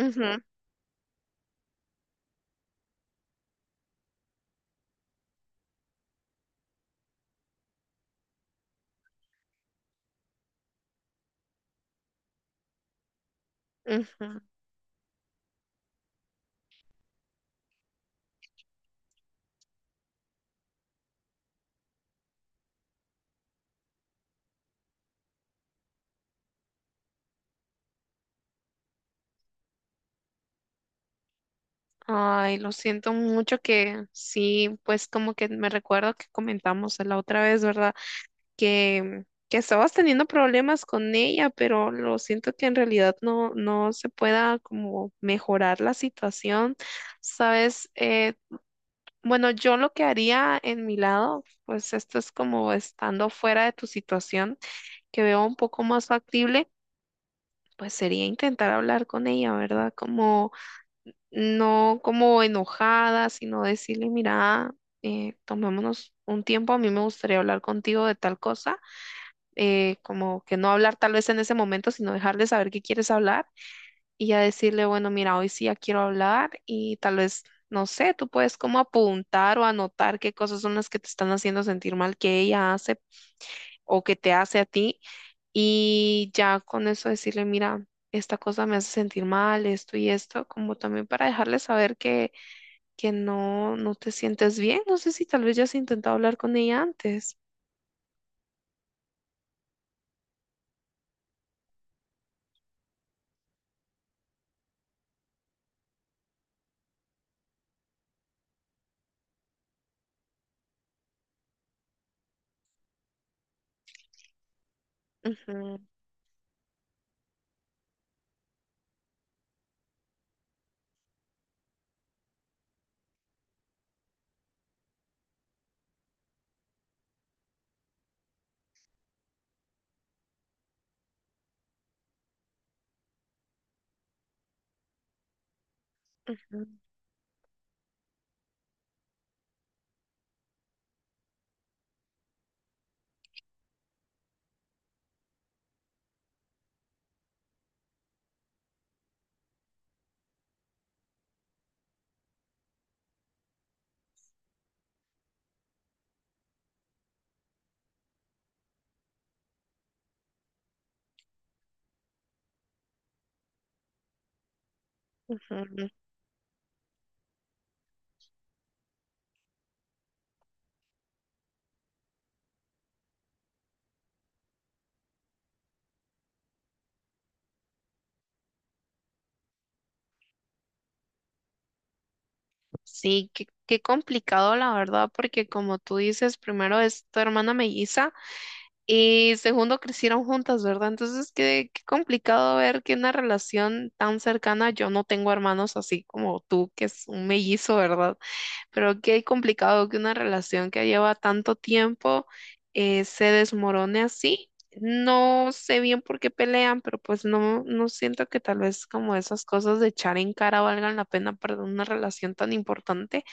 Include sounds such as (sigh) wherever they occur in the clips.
Ujú, ujú. Ay, lo siento mucho que sí, pues como que me recuerdo que comentamos la otra vez, ¿verdad? Que estabas teniendo problemas con ella, pero lo siento que en realidad no se pueda como mejorar la situación, ¿sabes? Bueno, yo lo que haría en mi lado, pues esto es como estando fuera de tu situación, que veo un poco más factible, pues sería intentar hablar con ella, ¿verdad? Como no como enojada, sino decirle, mira, tomémonos un tiempo, a mí me gustaría hablar contigo de tal cosa, como que no hablar tal vez en ese momento, sino dejarle saber que quieres hablar y ya decirle, bueno, mira, hoy sí ya quiero hablar y tal vez, no sé, tú puedes como apuntar o anotar qué cosas son las que te están haciendo sentir mal que ella hace o que te hace a ti y ya con eso decirle, mira. Esta cosa me hace sentir mal, esto y esto, como también para dejarle saber que, que no te sientes bien. No sé si tal vez ya has intentado hablar con ella antes. Ujú, ujú, ujú. Sí, qué complicado la verdad, porque como tú dices, primero es tu hermana melliza y segundo crecieron juntas, ¿verdad? Entonces, qué complicado ver que una relación tan cercana, yo no tengo hermanos así como tú, que es un mellizo, ¿verdad? Creo que es complicado que una relación que lleva tanto tiempo se desmorone así. No sé bien por qué pelean, pero pues no siento que tal vez como esas cosas de echar en cara valgan la pena para una relación tan importante.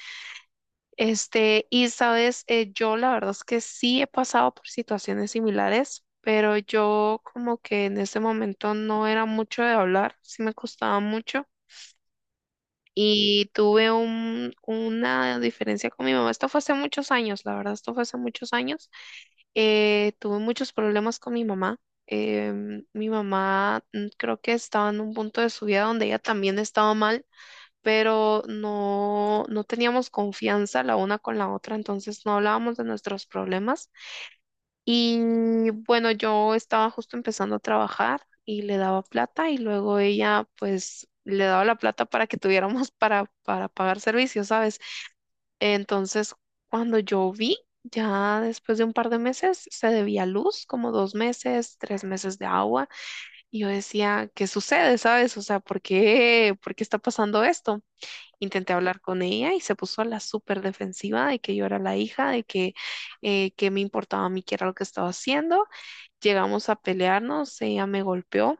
Este, y sabes, Yo la verdad es que sí he pasado por situaciones similares, pero yo como que en ese momento no era mucho de hablar, sí me costaba mucho. Y tuve una diferencia con mi mamá. Esto fue hace muchos años, la verdad, esto fue hace muchos años. Tuve muchos problemas con mi mamá. Mi mamá creo que estaba en un punto de su vida donde ella también estaba mal, pero no teníamos confianza la una con la otra, entonces no hablábamos de nuestros problemas. Y bueno, yo estaba justo empezando a trabajar y le daba plata y luego ella pues le daba la plata para que tuviéramos para pagar servicios, ¿sabes? Entonces, cuando yo vi, ya después de un par de meses, se debía luz, como dos meses, tres meses de agua, y yo decía, ¿qué sucede?, ¿sabes? O sea, ¿por qué está pasando esto? Intenté hablar con ella y se puso a la súper defensiva de que yo era la hija, que me importaba a mí qué era lo que estaba haciendo. Llegamos a pelearnos, ella me golpeó.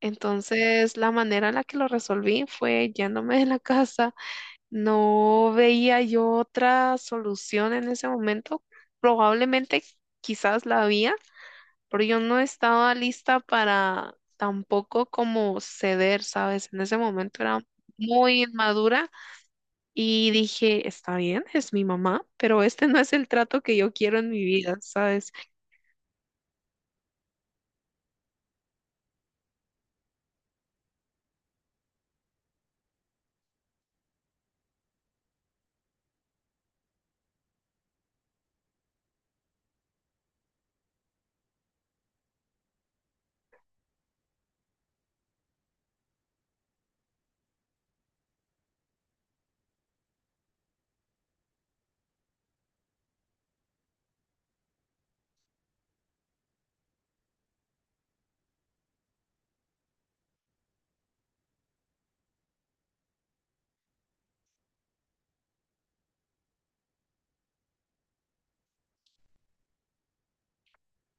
Entonces, la manera en la que lo resolví fue yéndome de la casa. No veía yo otra solución en ese momento. Probablemente quizás la había, pero yo no estaba lista para tampoco como ceder, ¿sabes? En ese momento era muy inmadura y dije, está bien, es mi mamá, pero este no es el trato que yo quiero en mi vida, ¿sabes?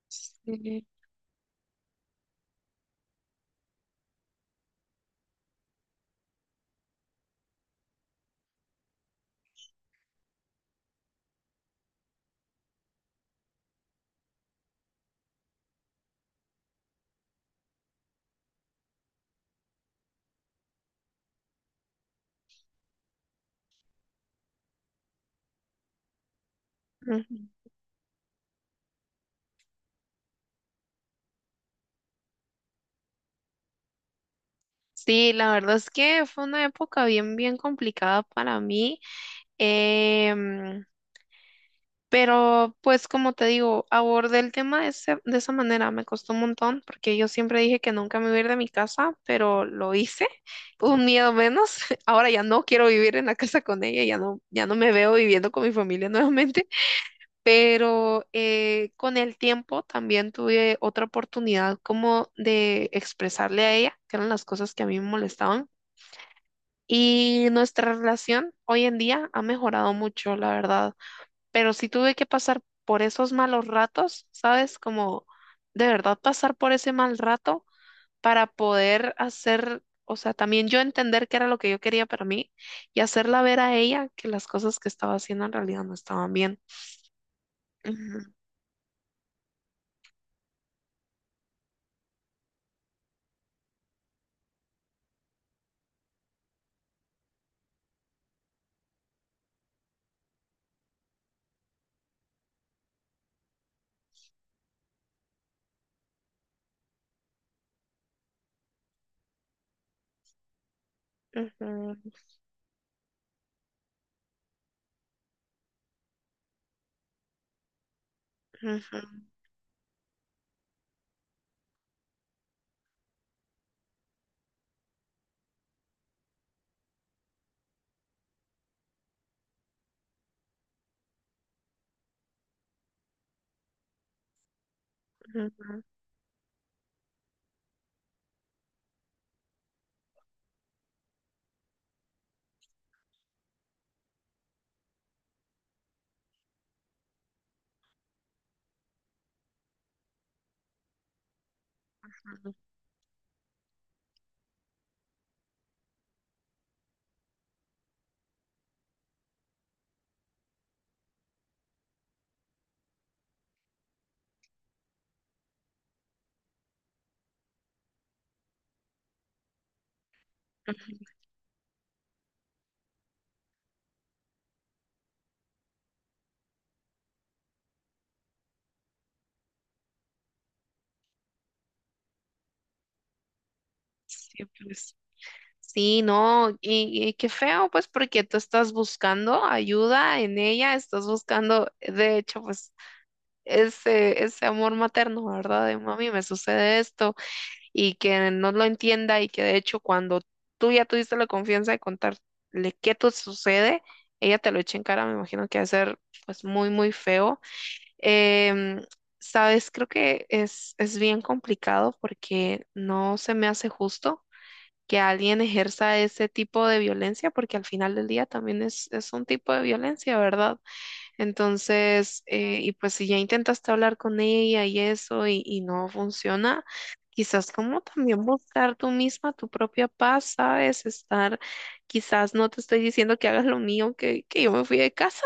Sí. Sí, la verdad es que fue una época bien, bien complicada para mí, em, pero pues como te digo, abordé el tema de esa manera, me costó un montón porque yo siempre dije que nunca me iba a ir de mi casa, pero lo hice, (laughs) un miedo menos, (laughs) ahora ya no quiero vivir en la casa con ella, ya no, ya no me veo viviendo con mi familia (laughs) nuevamente, pero con el tiempo también tuve otra oportunidad como de expresarle a ella que eran las cosas que a mí me molestaban. Y nuestra relación hoy en día ha mejorado mucho, la verdad. Pero sí tuve que pasar por esos malos ratos, ¿sabes? Como de verdad pasar por ese mal rato para poder hacer, o sea, también yo entender qué era lo que yo quería para mí y hacerla ver a ella que las cosas que estaba haciendo en realidad no estaban bien. Ujú, ujú, ujú, ujú, ujú. Sí, pues. Sí, no, y qué feo, pues, porque tú estás buscando ayuda en ella, estás buscando, de hecho, pues, ese amor materno, ¿verdad? De mami, me sucede esto, y que no lo entienda, y que de hecho, cuando tú ya tuviste la confianza de contarle qué te sucede, ella te lo echa en cara, me imagino que va a ser, pues, muy, muy feo. Em, sabes, creo que es bien complicado porque no se me hace justo que alguien ejerza ese tipo de violencia, porque al final del día también es un tipo de violencia, ¿verdad? Entonces, y pues si ya intentaste hablar con ella y eso y no funciona, quizás como también buscar tú misma tu propia paz, ¿sabes? Estar, quizás no te estoy diciendo que hagas lo mío, que yo me fui de casa,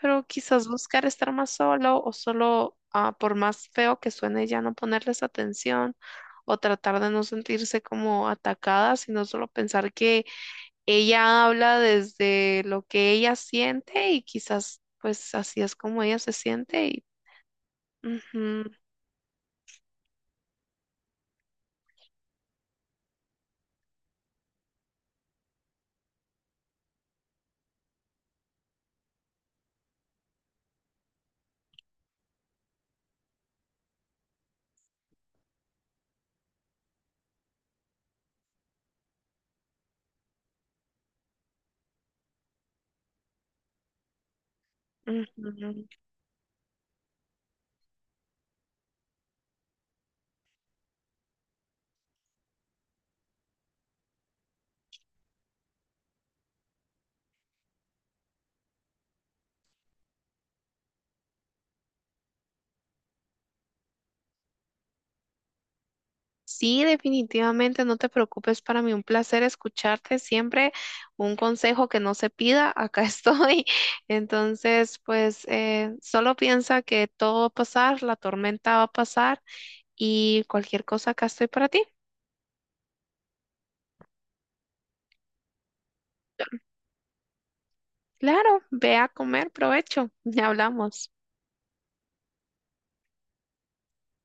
pero quizás buscar estar más solo o solo, ah, por más feo que suene, ya no ponerles atención o tratar de no sentirse como atacada, sino solo pensar que ella habla desde lo que ella siente y quizás pues así es como ella se siente y ujú, ujú. Sí, definitivamente no te preocupes, para mí un placer escucharte siempre, un consejo que no se pida, acá (laughs) estoy. Entonces, pues solo piensa que todo va a pasar, la tormenta va a pasar y cualquier cosa acá estoy para ti. Claro, ve a comer, provecho, (laughs) ya hablamos.